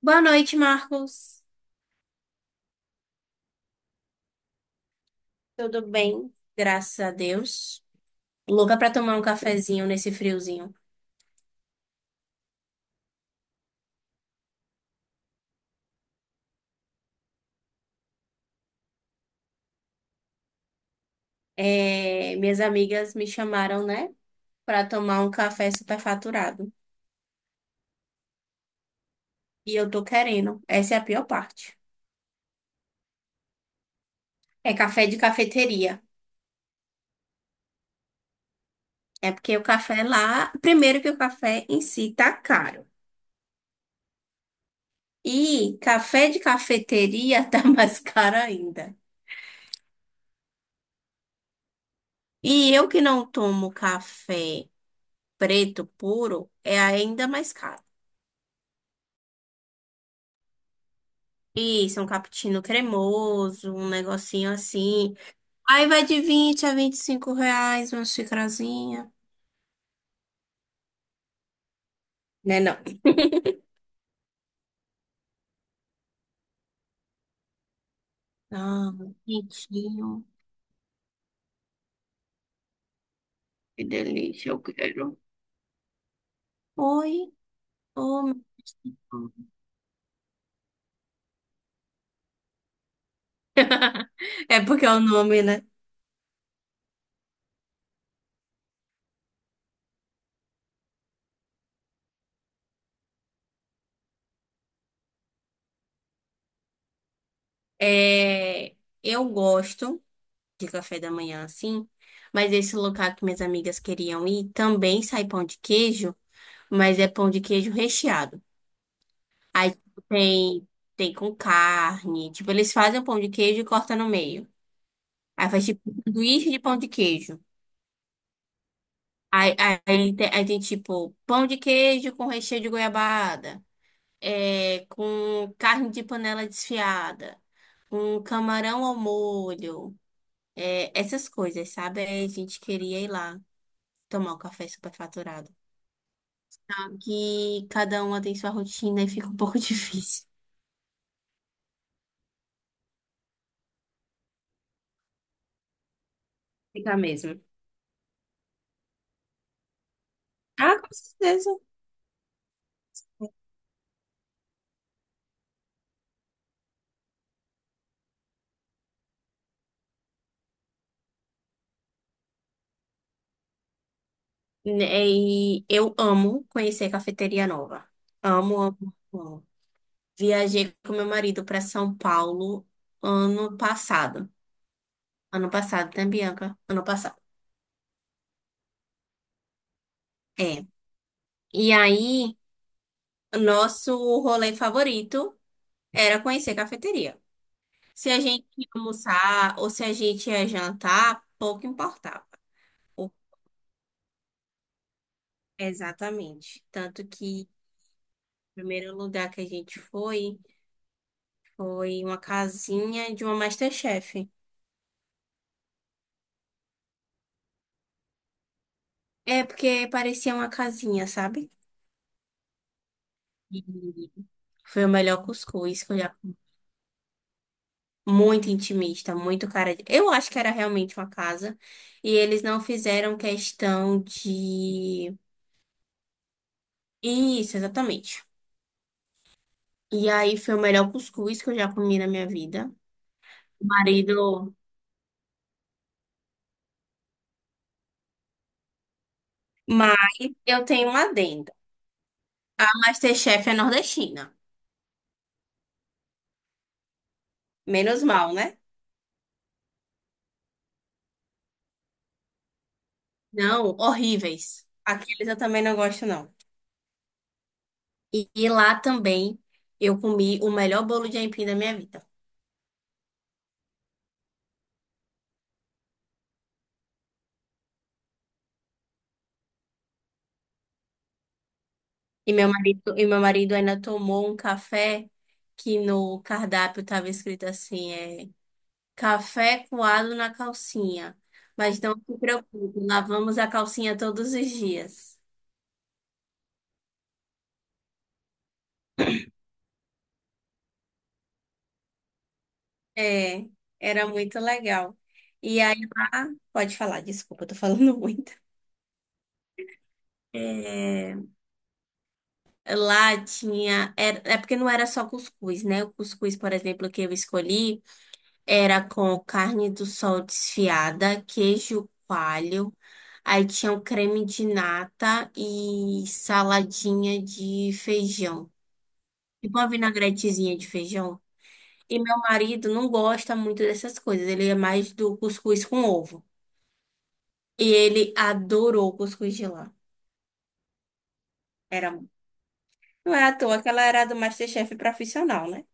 Boa noite, Marcos. Tudo bem? Graças a Deus. Louca pra tomar um cafezinho nesse friozinho. É, minhas amigas me chamaram, né, pra tomar um café superfaturado. E eu tô querendo. Essa é a pior parte. É café de cafeteria. É porque o café lá, primeiro que o café em si tá caro. E café de cafeteria tá mais caro ainda. E eu que não tomo café preto puro, é ainda mais caro. Isso, um cappuccino cremoso, um negocinho assim. Aí vai de R$ 20 a R$ 25 uma xicrazinha. Né, não? Ah, quentinho. Que delícia, eu quero. Oi, ô. É porque é o nome, né? É, eu gosto de café da manhã assim, mas esse local que minhas amigas queriam ir também sai pão de queijo, mas é pão de queijo recheado. Aí tipo, tem com carne, tipo eles fazem o pão de queijo e cortam no meio. Aí faz tipo um sanduíche de pão de queijo. Aí tem, tipo pão de queijo com recheio de goiabada, é, com carne de panela desfiada, com camarão ao molho, é, essas coisas, sabe? Aí a gente queria ir lá tomar o café superfaturado. Que cada uma tem sua rotina e fica um pouco difícil. Fica mesmo. Ah, com certeza. E eu amo conhecer cafeteria nova. Amo, amo, amo. Viajei com meu marido para São Paulo ano passado. Ano passado, né, Bianca? Ano passado. É. E aí, nosso rolê favorito era conhecer cafeteria. Se a gente ia almoçar ou se a gente ia jantar, pouco importava. O Exatamente. Tanto que o primeiro lugar que a gente foi foi uma casinha de uma MasterChef. É, porque parecia uma casinha, sabe? E foi o melhor cuscuz que eu já comi. Muito intimista, muito cara de, eu acho que era realmente uma casa. E eles não fizeram questão de. Isso, exatamente. E aí foi o melhor cuscuz que eu já comi na minha vida. Marido. Mas eu tenho uma adenda. A MasterChef é nordestina. Menos mal, né? Não, horríveis. Aqueles eu também não gosto, não. E lá também eu comi o melhor bolo de aipim da minha vida. E meu marido ainda tomou um café que no cardápio estava escrito assim, café coado na calcinha. Mas não se preocupe, lavamos a calcinha todos os dias. É, era muito legal. E aí lá, pode falar, desculpa, eu tô falando muito. É, lá tinha. Era, é porque não era só cuscuz, né? O cuscuz, por exemplo, que eu escolhi era com carne do sol desfiada, queijo coalho, aí tinha um creme de nata e saladinha de feijão. Tipo uma vinagretezinha de feijão. E meu marido não gosta muito dessas coisas, ele é mais do cuscuz com ovo. E ele adorou o cuscuz de lá. Era, não é à toa que ela era do MasterChef profissional, né?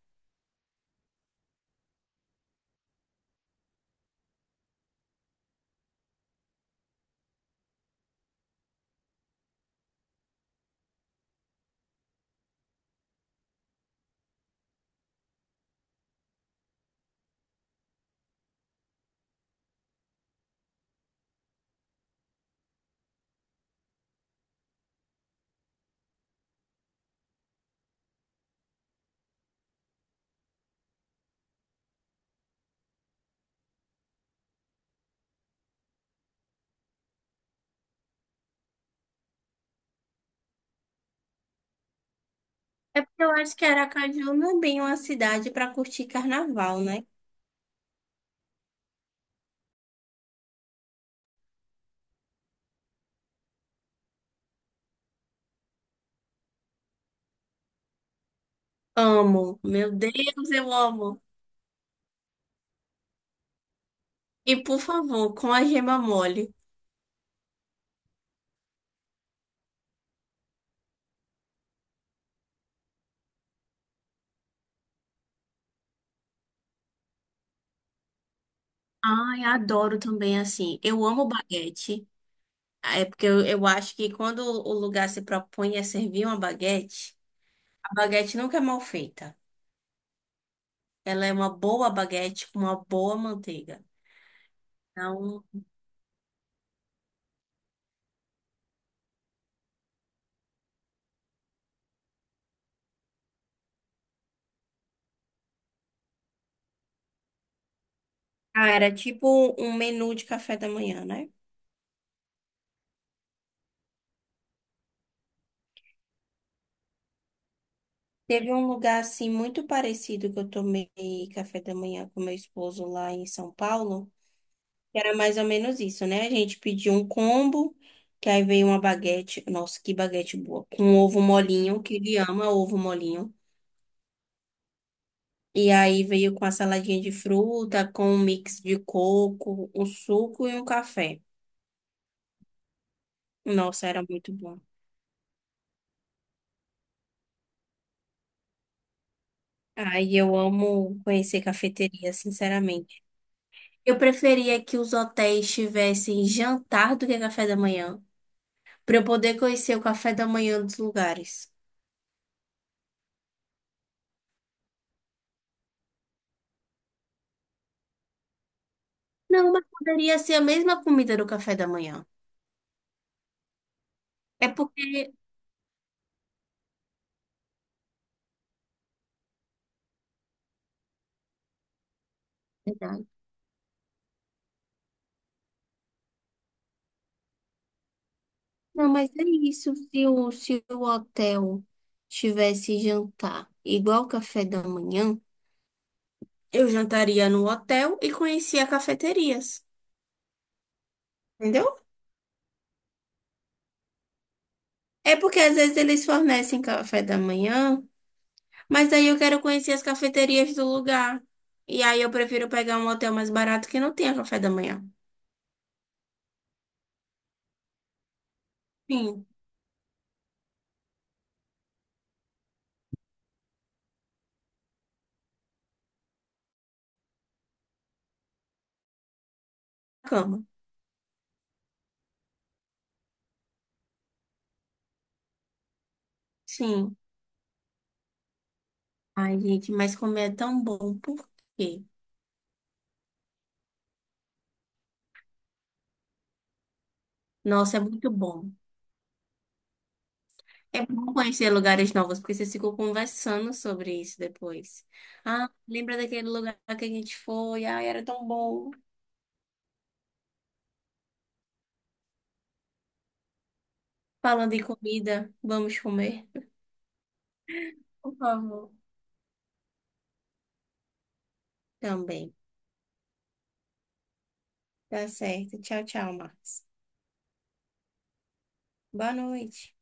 É porque eu acho que Aracaju não é bem uma cidade para curtir carnaval, né? Amo, meu Deus, eu amo. E por favor, com a gema mole. Ai, adoro também assim. Eu amo baguete. É porque eu acho que quando o lugar se propõe a servir uma baguete, a baguete nunca é mal feita. Ela é uma boa baguete com uma boa manteiga. Então, cara, tipo um menu de café da manhã, né? Teve um lugar assim muito parecido que eu tomei café da manhã com meu esposo lá em São Paulo, que era mais ou menos isso, né? A gente pediu um combo, que aí veio uma baguete, nossa, que baguete boa, com ovo molinho, que ele ama ovo molinho. E aí veio com a saladinha de fruta, com um mix de coco, um suco e um café. Nossa, era muito bom. Ai, eu amo conhecer cafeteria, sinceramente. Eu preferia que os hotéis tivessem jantar do que café da manhã, para eu poder conhecer o café da manhã dos lugares. Não, mas poderia ser a mesma comida do café da manhã. É porque. Verdade. Não, mas é isso. Se o hotel tivesse jantar igual o café da manhã, eu jantaria no hotel e conhecia cafeterias. Entendeu? É porque às vezes eles fornecem café da manhã, mas aí eu quero conhecer as cafeterias do lugar. E aí eu prefiro pegar um hotel mais barato que não tenha café da manhã. Sim, cama. Sim. Ai, gente, mas comer é tão bom. Por quê? Nossa, é muito bom. É bom conhecer lugares novos, porque vocês ficam conversando sobre isso depois. Ah, lembra daquele lugar que a gente foi? Ai, era tão bom. Falando em comida, vamos comer? Por favor. Também. Tá certo. Tchau, tchau, Marcos. Boa noite.